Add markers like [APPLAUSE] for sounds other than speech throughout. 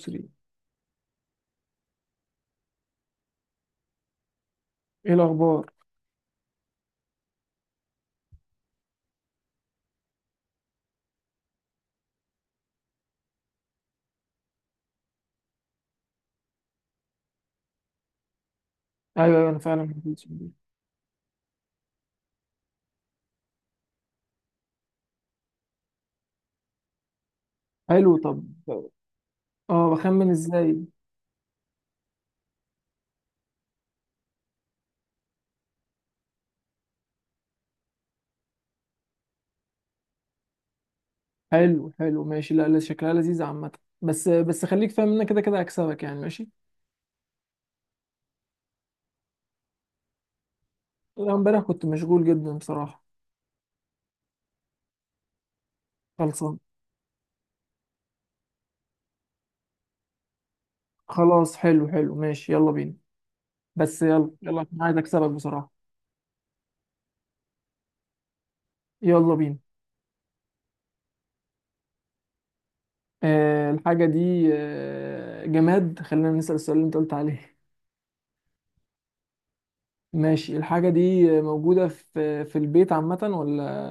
3 ايه الاخبار؟ ايوه ايوه، انا فعلا ما حبيتش دي. حلو، طب اه بخمن ازاي؟ حلو حلو، ماشي. لا لا، شكلها لذيذه عامه. بس بس خليك فاهم ان أنا كده كده هكسبك يعني. ماشي. لا، امبارح كنت مشغول جدا بصراحه. خلصان. خلاص، حلو حلو، ماشي، يلا بينا. بس يلا يلا، انا عايز اكسبك بصراحه. يلا بينا. الحاجه دي جماد، خلينا نسأل السؤال اللي انت قلت عليه. ماشي، الحاجه دي موجوده في البيت عامه ولا؟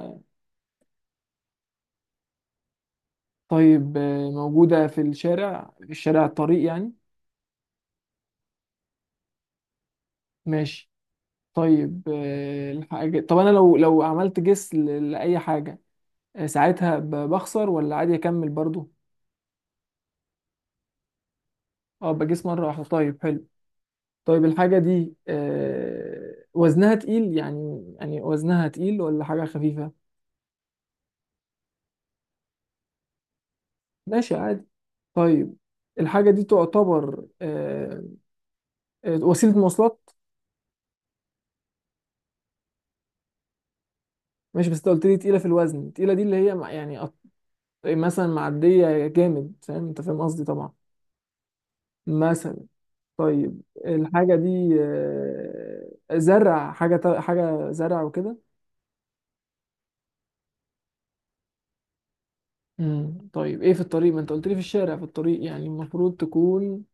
طيب، موجودة في الشارع الطريق يعني. ماشي. طيب الحاجة، طب أنا لو عملت جس لأي حاجة، ساعتها بخسر ولا عادي أكمل برضو؟ أه بجس مرة واحدة، طيب حلو. طيب الحاجة دي وزنها تقيل، يعني وزنها تقيل ولا حاجة خفيفة؟ ماشي عادي. طيب الحاجة دي تعتبر وسيلة مواصلات؟ ماشي بس أنت قلت لي تقيلة في الوزن، التقيلة دي اللي هي يعني، طيب مثلا معدية جامد، فاهم، انت فاهم قصدي طبعا. مثلا. طيب الحاجة دي زرع، حاجة زرع وكده. طيب ايه، في الطريق، ما انت قلت لي في الشارع في الطريق، يعني المفروض تكون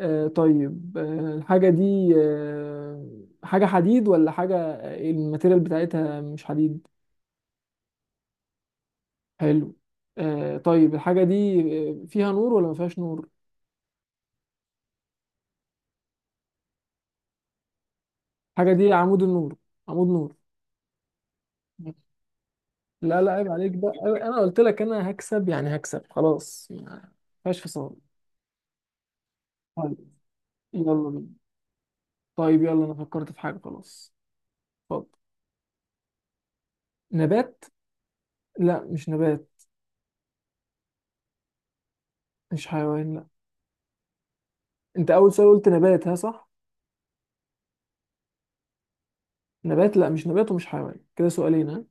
طيب الحاجة دي حاجة حديد، ولا حاجة الماتيريال بتاعتها مش حديد؟ حلو. طيب الحاجة دي فيها نور ولا ما فيهاش نور؟ الحاجة دي عمود النور. عمود نور. لا لا، عيب عليك بقى، انا قلت لك انا هكسب، يعني هكسب خلاص، ما فيهاش فصال. طيب يلا بينا. طيب يلا، انا فكرت في حاجه خلاص. اتفضل. نبات؟ لا مش نبات. مش حيوان لا. انت اول سؤال قلت نبات، ها، صح؟ نبات لا، مش نبات ومش حيوان، كده سؤالين ها.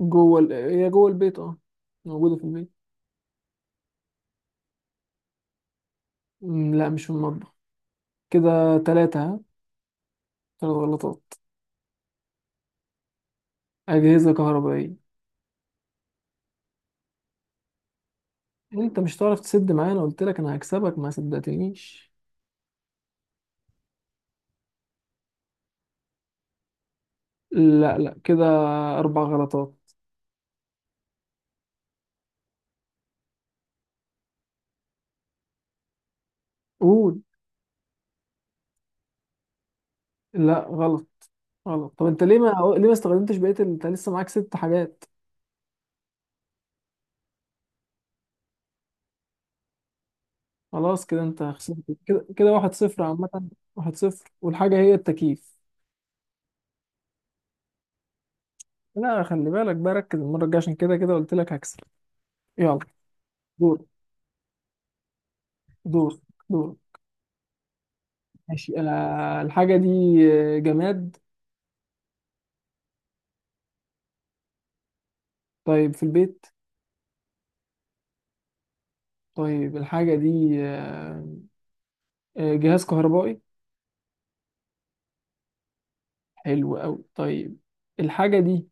هي جوه البيت اه، موجوده في البيت. لا مش في المطبخ. كده ثلاثه ها، ثلاث غلطات. اجهزه كهربائيه. انت مش هتعرف تسد معايا، انا قلت لك انا هكسبك، ما صدقتنيش. لا لا، كده اربع غلطات. قول. لا غلط. غلط. طب انت ليه، ما ليه ما استخدمتش انت لسه معاك ست حاجات؟ خلاص كده انت خسرت. كده كده واحد صفر عامة. واحد صفر، والحاجة هي التكييف. لا، خلي بالك بقى، ركز المرة الجاية، عشان كده كده قلت لك هكسب. يلا. دور دور دور. ماشي، انا الحاجة دي جماد. طيب في البيت. طيب الحاجة دي جهاز كهربائي. حلو قوي، طيب. الحاجة دي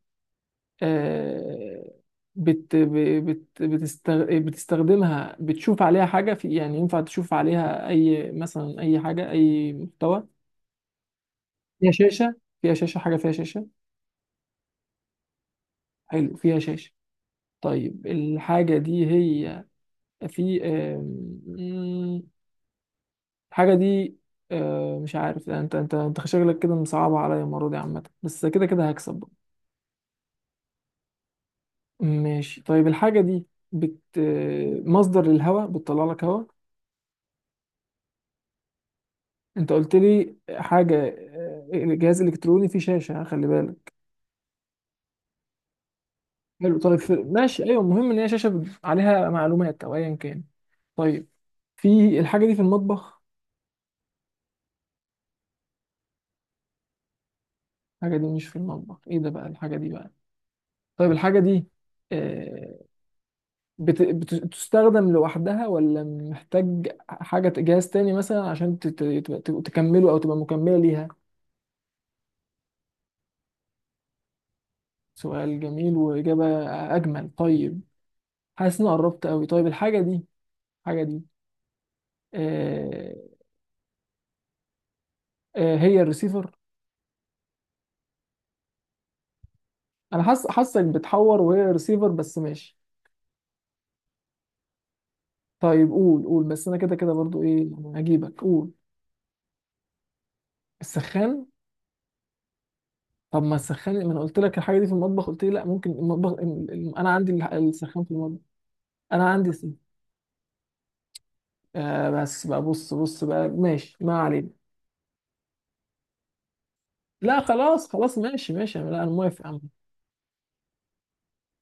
آه، بتستخدمها، بتشوف عليها حاجة في، يعني ينفع تشوف عليها أي، مثلا أي حاجة، أي محتوى؟ فيها شاشة؟ فيها شاشة، حاجة فيها شاشة. حلو، فيها شاشة. طيب الحاجة دي هي، في آم، مم، الحاجة دي مش عارف، انت شكلك كده مصعبة عليا المرة دي عامة، بس كده كده هكسب بقى. ماشي. طيب الحاجة دي بت آه، مصدر للهواء، بتطلع لك هواء؟ انت قلت لي حاجه جهاز الكتروني فيه شاشه خلي بالك. حلو، طيب ماشي، ايوه، المهم ان هي شاشه عليها معلومات او ايا كان. طيب، في الحاجه دي في المطبخ؟ الحاجه دي مش في المطبخ، ايه ده بقى الحاجه دي بقى؟ طيب الحاجه دي آه، بتستخدم لوحدها، ولا محتاج حاجه، جهاز تاني مثلا، عشان تكمله او تبقى مكمله ليها؟ سؤال جميل واجابه اجمل، طيب. حاسس اني قربت قوي. طيب الحاجه دي، الحاجه دي آه، هي الريسيفر؟ انا حاسس حاسك بتحور، وهي الريسيفر بس ماشي. طيب قول، قول، بس انا كده كده برضو ايه، يعني هجيبك. قول. السخان. طب ما السخان، ما انا قلت لك الحاجه دي في المطبخ قلت لي لا، ممكن المطبخ انا عندي السخان في المطبخ. انا عندي بس بقى، بص بقى، ماشي، ما علينا. لا خلاص خلاص، ماشي ماشي، لا انا موافق يا عم.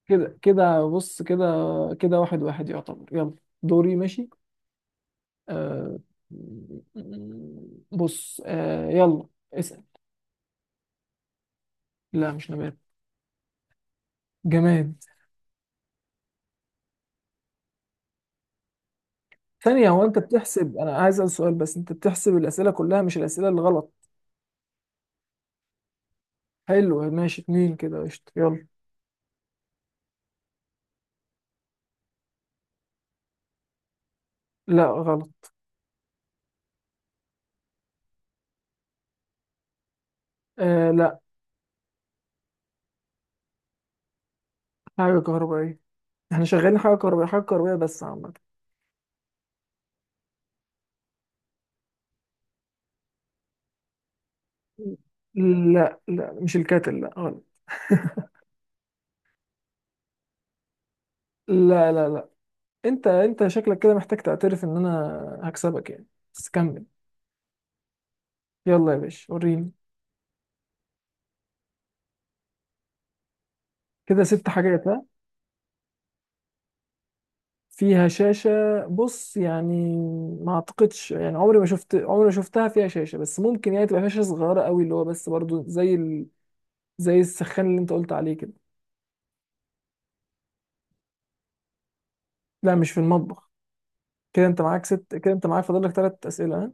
كده كده بص، كده كده واحد واحد يعتبر. يلا، دوري. ماشي. آه. بص آه يلا، اسأل. لا مش نبات. جماد. ثانية، هو أنت بتحسب أنا عايز أسأل سؤال؟ بس أنت بتحسب الأسئلة كلها، مش الأسئلة اللي غلط. حلو، ماشي، اتنين كده، قشطة، يلا. لا غلط. آه لا. حاجة كهربائية، احنا شغالين حاجة كهربائية، حاجة كهربائية بس عامة. لا لا، مش الكاتل، لا غلط. [LAUGHS] لا لا لا، أنت، أنت شكلك كده محتاج تعترف إن أنا هكسبك يعني. بس كمل. يلا يا باشا، وريني. كده ست حاجات ها. فيها شاشة؟ بص يعني، ما اعتقدش، يعني عمري ما شفت، عمري ما شفتها فيها شاشة، بس ممكن يعني تبقى فيها شاشة صغيرة قوي، اللي هو بس برضو زي زي السخان اللي انت قلت عليه كده. لا مش في المطبخ. كده انت معاك ست، كده انت معاك فاضل لك ثلاث أسئلة ها؟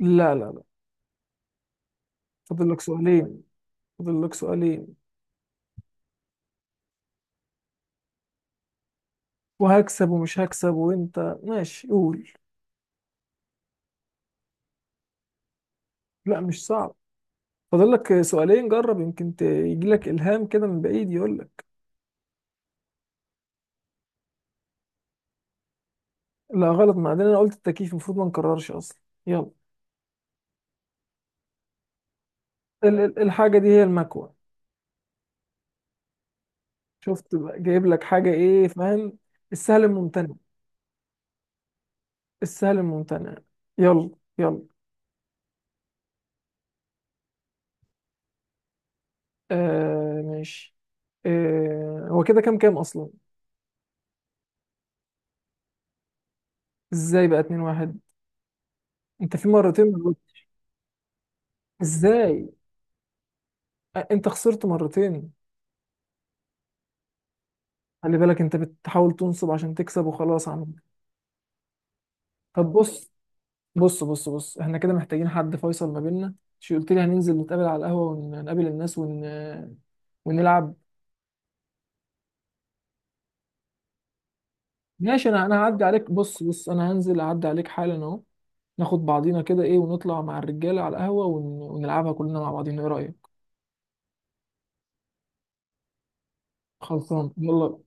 لا لا لا. فاضل لك سؤالين. فاضل لك سؤالين. وهكسب ومش هكسب، وانت ماشي، قول. لا مش صعب، فاضل لك سؤالين، جرب يمكن يجي لك إلهام كده من بعيد يقول لك. لا غلط، ما عندنا، انا قلت التكييف، المفروض ما نكررش اصلا. يلا. الحاجة دي هي المكوة. شفت بقى؟ جايب لك حاجة ايه، فاهم؟ السهل الممتنع. السهل الممتنع. يلا. يلا. آه ماشي. آه، هو كده كام، اصلا؟ ازاي بقى اتنين واحد؟ انت في مرتين غلطت. ازاي؟ انت خسرت مرتين. خلي بالك، انت بتحاول تنصب عشان تكسب وخلاص عم. طب بص بص، احنا كده محتاجين حد فيصل ما بيننا. شو قلت لي، هننزل نتقابل على القهوة، ونقابل الناس ونلعب. ماشي، انا هعدي عليك، بص بص، انا هنزل اعدي عليك حالا اهو. ناخد بعضينا كده ايه، ونطلع مع الرجاله على القهوه ونلعبها كلنا مع بعضينا، ايه رايك؟ خلصان، يلا.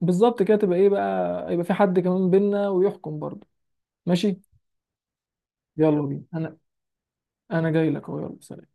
بالظبط كده، تبقى ايه بقى، يبقى في حد كمان بينا ويحكم برضه. ماشي. يلا بينا. انا جاي لك اهو، يلا سلام.